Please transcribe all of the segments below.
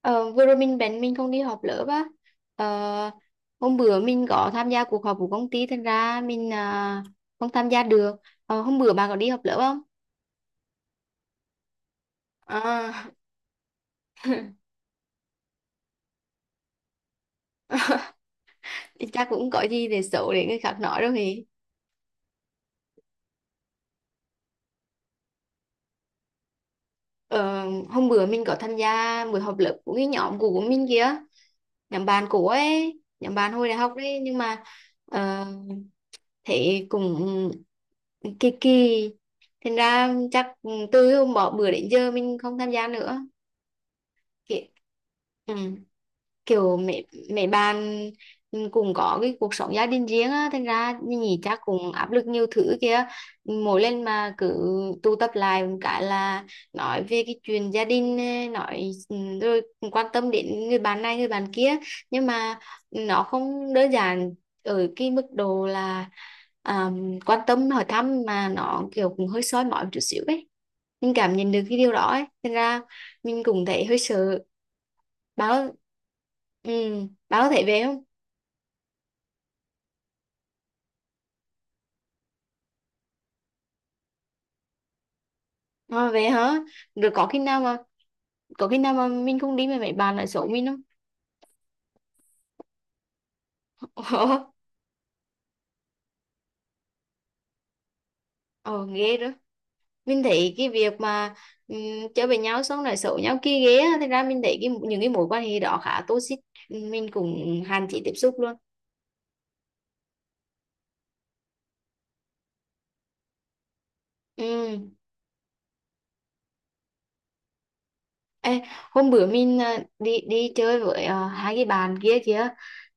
Ờ, vừa rồi mình không đi họp lớp á. Ờ, hôm bữa mình có tham gia cuộc họp của công ty thành ra mình không tham gia được. Hôm bữa bà có đi họp lớp không? à, Chắc cũng có gì để xấu để người khác nói đâu thì. Ờ, Hôm bữa mình có tham gia buổi họp lớp của cái nhóm cũ của mình kia, nhóm bạn cũ ấy, nhóm bạn hồi đại học đấy. Nhưng mà ờ, thế cũng kỳ kỳ, thành ra chắc từ hôm bỏ bữa đến giờ mình không tham gia nữa. Kiểu, ừ. Kiểu mẹ mẹ bạn cũng có cái cuộc sống gia đình riêng á, thành ra nhỉ, chắc cũng áp lực nhiều thứ kia. Mỗi lần mà cứ tụ tập lại một cái là nói về cái chuyện gia đình, nói, rồi quan tâm đến người bạn này người bạn kia. Nhưng mà nó không đơn giản ở cái mức độ là à, quan tâm hỏi thăm, mà nó kiểu cũng hơi soi mói một chút xíu ấy. Mình cảm nhận được cái điều đó ấy, thành ra mình cũng thấy hơi sợ. bà có- ừ, bà có thể về không? Về hả? Rồi có khi nào mà có khi nào mà mình không đi mà mấy bạn lại xấu mình không? ờ ờ, ghê đó. Mình thấy cái việc mà um, chơi với nhau xong lại xấu nhau kia ghê á. Thật ra mình thấy cái những cái mối quan hệ đó khá toxic, mình cũng hạn chế tiếp xúc luôn. Ừ. Ê, hôm bữa mình đi đi chơi với hai cái bạn kia kìa.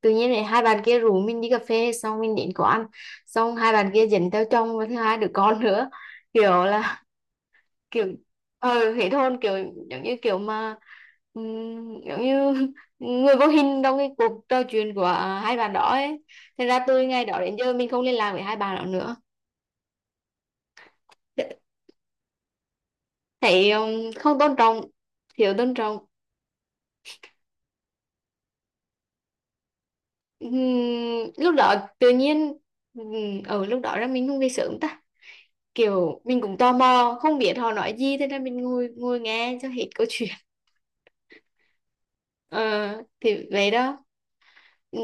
Tự nhiên này hai bạn kia rủ mình đi cà phê, xong mình đến quán, xong hai bạn kia dẫn theo chồng và thứ hai đứa con nữa. Kiểu là, kiểu ờ thế thôn, kiểu giống như kiểu mà giống như người vô hình trong cái cuộc trò chuyện của hai bạn đó ấy. Thế ra từ ngày đó đến giờ mình không liên lạc với hai bạn đó nữa. Thấy không tôn trọng, thiếu tôn trọng. Ừm, lúc đó tự nhiên ở lúc đó ra mình không về sớm ta. Kiểu mình cũng tò mò không biết họ nói gì, thế nên mình ngồi ngồi nghe cho hết câu chuyện. Ờ, thì vậy đó. Ừ.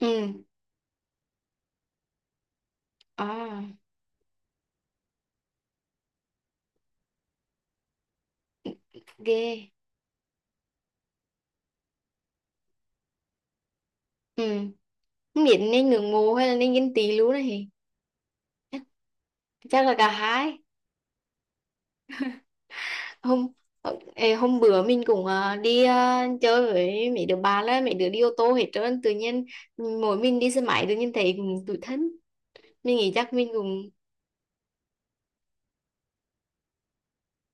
Ừ. À. Ghê. Ừ. Không biết nên ngưỡng mộ hay là nên ghen tị luôn này. Chắc là cả hai. Hôm, ê, hôm bữa mình cũng đi chơi với mấy đứa bạn là mấy đứa đi ô tô hết trơn, tự nhiên mỗi mình đi xe máy, tự nhiên thấy cũng tủi thân. Mình nghĩ chắc mình cũng.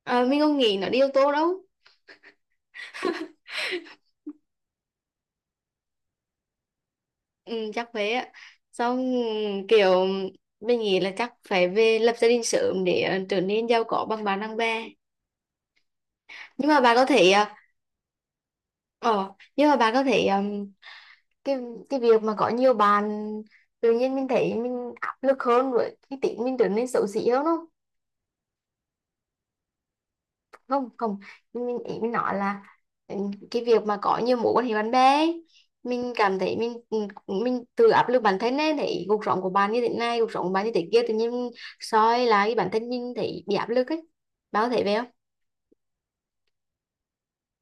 Ờ, mình không nghĩ nó đi yếu tố đâu. Ừ, chắc thế ạ. Xong kiểu mình nghĩ là chắc phải về lập gia đình sớm để trở nên giàu có bằng bạn bằng bè. Nhưng mà bạn có thể ờ. Ờ, nhưng mà bạn có thể cái cái việc mà có nhiều bạn tự nhiên mình thấy mình áp lực hơn, với cái tính mình trở nên xấu xí hơn không? Không không. Mình, ý mình nói là, ừ, cái việc mà có nhiều mối quan hệ bạn bè ấy, mình cảm thấy mình, mình tự áp lực bản thân ấy, thấy cuộc sống của bạn như thế này cuộc sống của bạn như thế kia, tự nhiên soi lại bản thân mình thấy bị áp lực ấy. Bạn có thấy vậy không?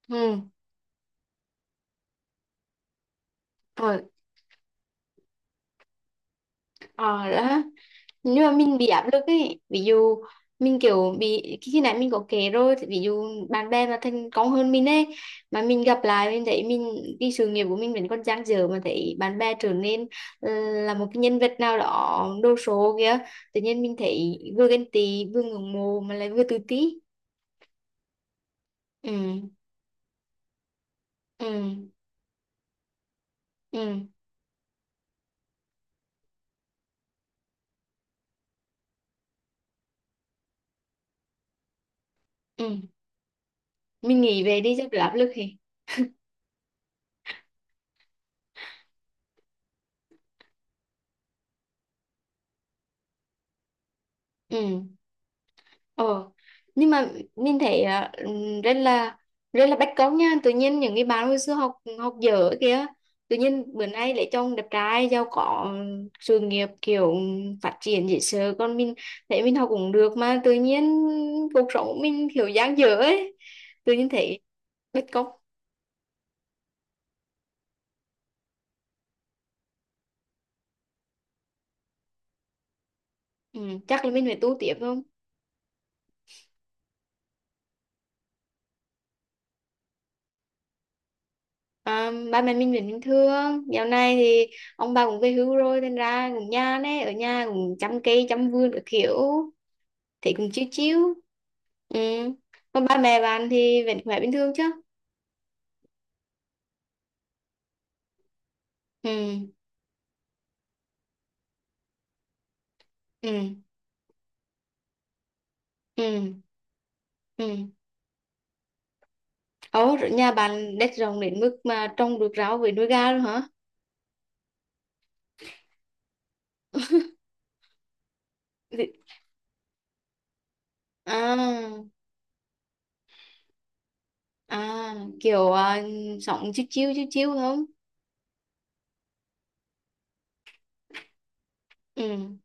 Ừ. Rồi. Ờ đó. Nhưng mà mình bị áp lực ấy. Ví dụ mình kiểu bị khi khi nãy mình có kể rồi, thì ví dụ bạn bè mà thành công hơn mình ấy, mà mình gặp lại mình thấy mình, cái sự nghiệp của mình vẫn còn dang dở, mà thấy bạn bè trở nên là một cái nhân vật nào đó đồ sộ kìa, tự nhiên mình thấy vừa ghen tị vừa ngưỡng mộ mà lại vừa tự ti. Ừ. Ừ. Ừ. Ừ. Mình nghĩ về đi cho đỡ áp lực thì. Ừ. Ờ, nhưng mà nhìn thấy rất là bất công nha. Tự nhiên những cái bạn hồi xưa học, học dở kìa, tự nhiên bữa nay lấy chồng đẹp trai giàu có, sự nghiệp kiểu phát triển dễ sợ. Còn mình thấy mình học cũng được mà tự nhiên cuộc sống của mình kiểu dang dở ấy, tự nhiên thấy bất công. Ừ, chắc là mình phải tu tiếp không? À, ba mẹ mình vẫn bình thường. Dạo này thì ông bà cũng về hưu rồi nên ra cũng nhàn ấy, ở nhà cũng chăm cây chăm vườn các kiểu, thấy cũng chiếu chiếu. Ừ. Mà ba mẹ bạn thì vẫn khỏe bình thường chứ? Ừ. Ừ. Ừ. Ừ. Ồ, rồi nhà bạn đất rộng đến mức mà trồng được rau với nuôi gà luôn hả? Vì- À. À, kiểu sống chiếu chiếu chiếu chiếu không? Ừ.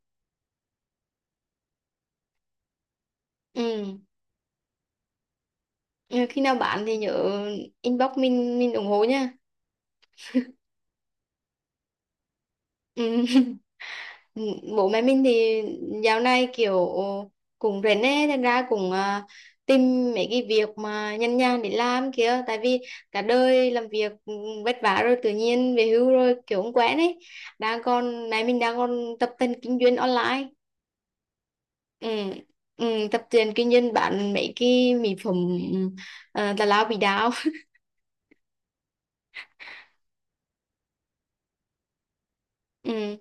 Ừ. Ừ, khi nào bạn thì nhớ inbox mình ủng hộ nha. Ừ. Ừ, bố mẹ mình thì dạo này kiểu cũng rảnh ấy, thành ra cũng tìm mấy cái việc mà nhàn nhàn để làm kia. Tại vì cả đời làm việc vất vả rồi, tự nhiên về hưu rồi kiểu không quen ấy. Đang còn mẹ mình đang còn tập tành kinh doanh online. Ừ. Ừ, tập tiền kinh doanh bán mấy cái mỹ phẩm, tào lao bị đau. Ừ.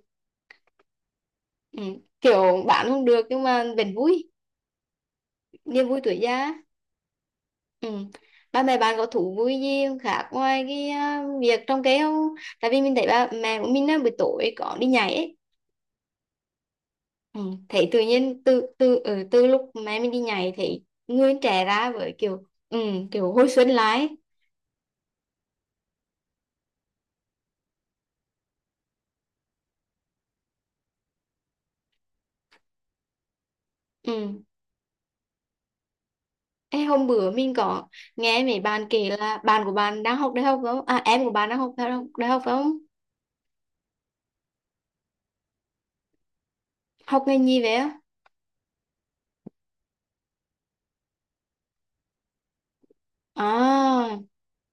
Ừ. Kiểu bán không được nhưng mà vẫn vui, niềm vui tuổi già. Ừ. Ba mẹ bạn có thú vui gì khác ngoài cái việc trồng cây không? Tại vì mình thấy ba mẹ của mình á, buổi tối có đi nhảy ấy. Ừ. Thấy tự nhiên từ từ ở từ lúc mẹ mình đi nhảy thì người trẻ ra, với kiểu ừ, kiểu hồi xuân lại ấy. Ừ. Ê, hôm bữa mình có nghe mấy bạn kể là bạn của bạn đang học đại học phải không? À, em của bạn đang học đại học, đại học phải không? Học ngành gì vậy á? À,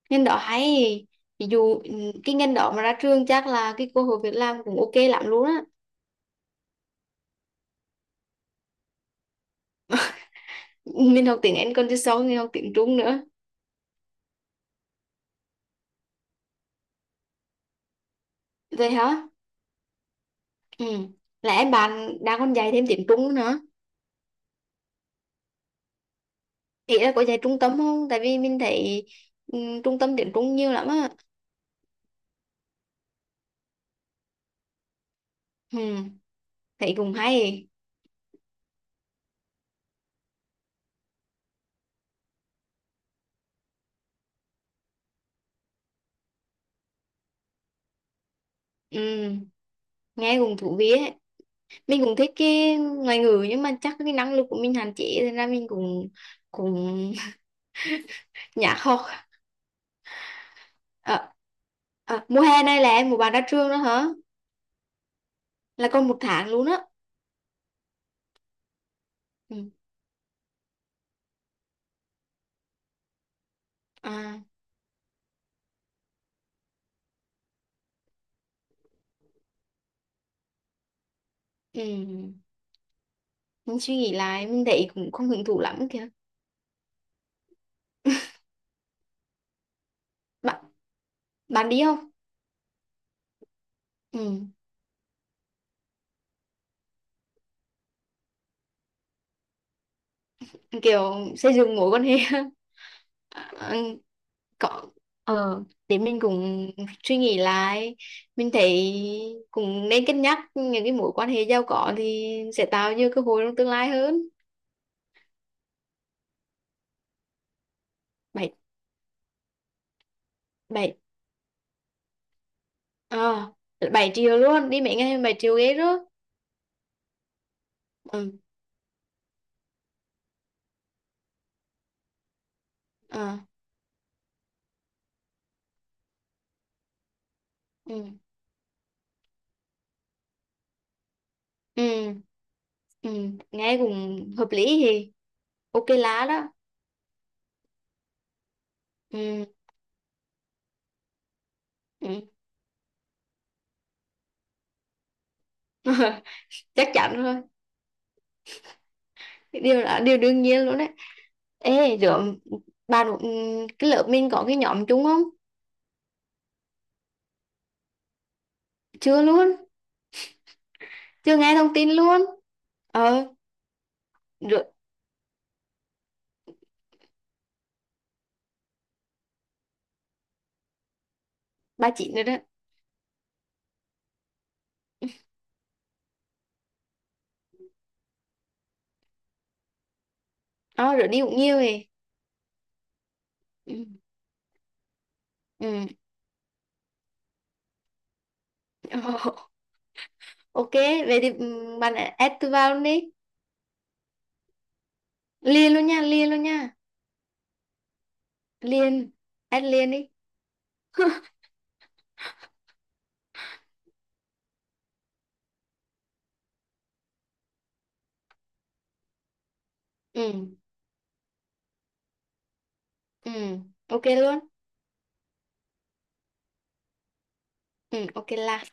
ngành đó hay. Ví dụ ừ, cái ngành đó mà ra trường chắc là cái cơ hội việc làm cũng OK lắm luôn á. Mình học tiếng Anh còn chứ sau mình học tiếng Trung nữa. Vậy hả? Ừ, là em bạn đang còn dạy thêm tiếng Trung nữa? Chị là có dạy trung tâm không? Tại vì mình thấy ừ, trung tâm tiếng Trung nhiều lắm á. Ừ, thấy cũng hay. Ừ, nghe cũng thú vị ấy. Mình cũng thích cái ngoại ngữ nhưng mà chắc cái năng lực của mình hạn chế nên là mình cũng, cũng nhả học. Ờ, ờ, mùa hè này là em một bạn ra trường đó hả? Là còn một tháng luôn á. Ừ. À. Ừ, mình suy nghĩ lại mình thấy cũng không hứng thú lắm kìa. Bạn Bạn đi không? Ừ. Kiểu xây dựng mối quan hệ. Ờ, có. Ờ, để mình cũng suy nghĩ lại, mình thấy cũng nên cân nhắc những cái mối quan hệ giàu có thì sẽ tạo nhiều cơ hội trong tương lai hơn. Bảy bảy Ờ, bảy triệu luôn đi mấy ngày? 7 triệu ghê đó. Ừ. Ờ. Ừ. Ừ. Ừ. Nghe cũng hợp lý thì. OK lá đó. Ừ. Ừ. Chắc chắn rồi, điều là điều đương nhiên luôn đấy. Ê rồi bạn, cái lớp mình có cái nhóm chung không? Chưa luôn. Chưa nghe thông tin luôn. Ờ rồi. Ba chị nữa đó. Ờ rồi đi cũng nhiều rồi. Ừ. Ừ. OK, vậy thì bạn add tôi vào luôn đi. Liền luôn nha, liền luôn nha. Liền, add liền đi. Ừ. Ừ, OK luôn. Ừ, OK là.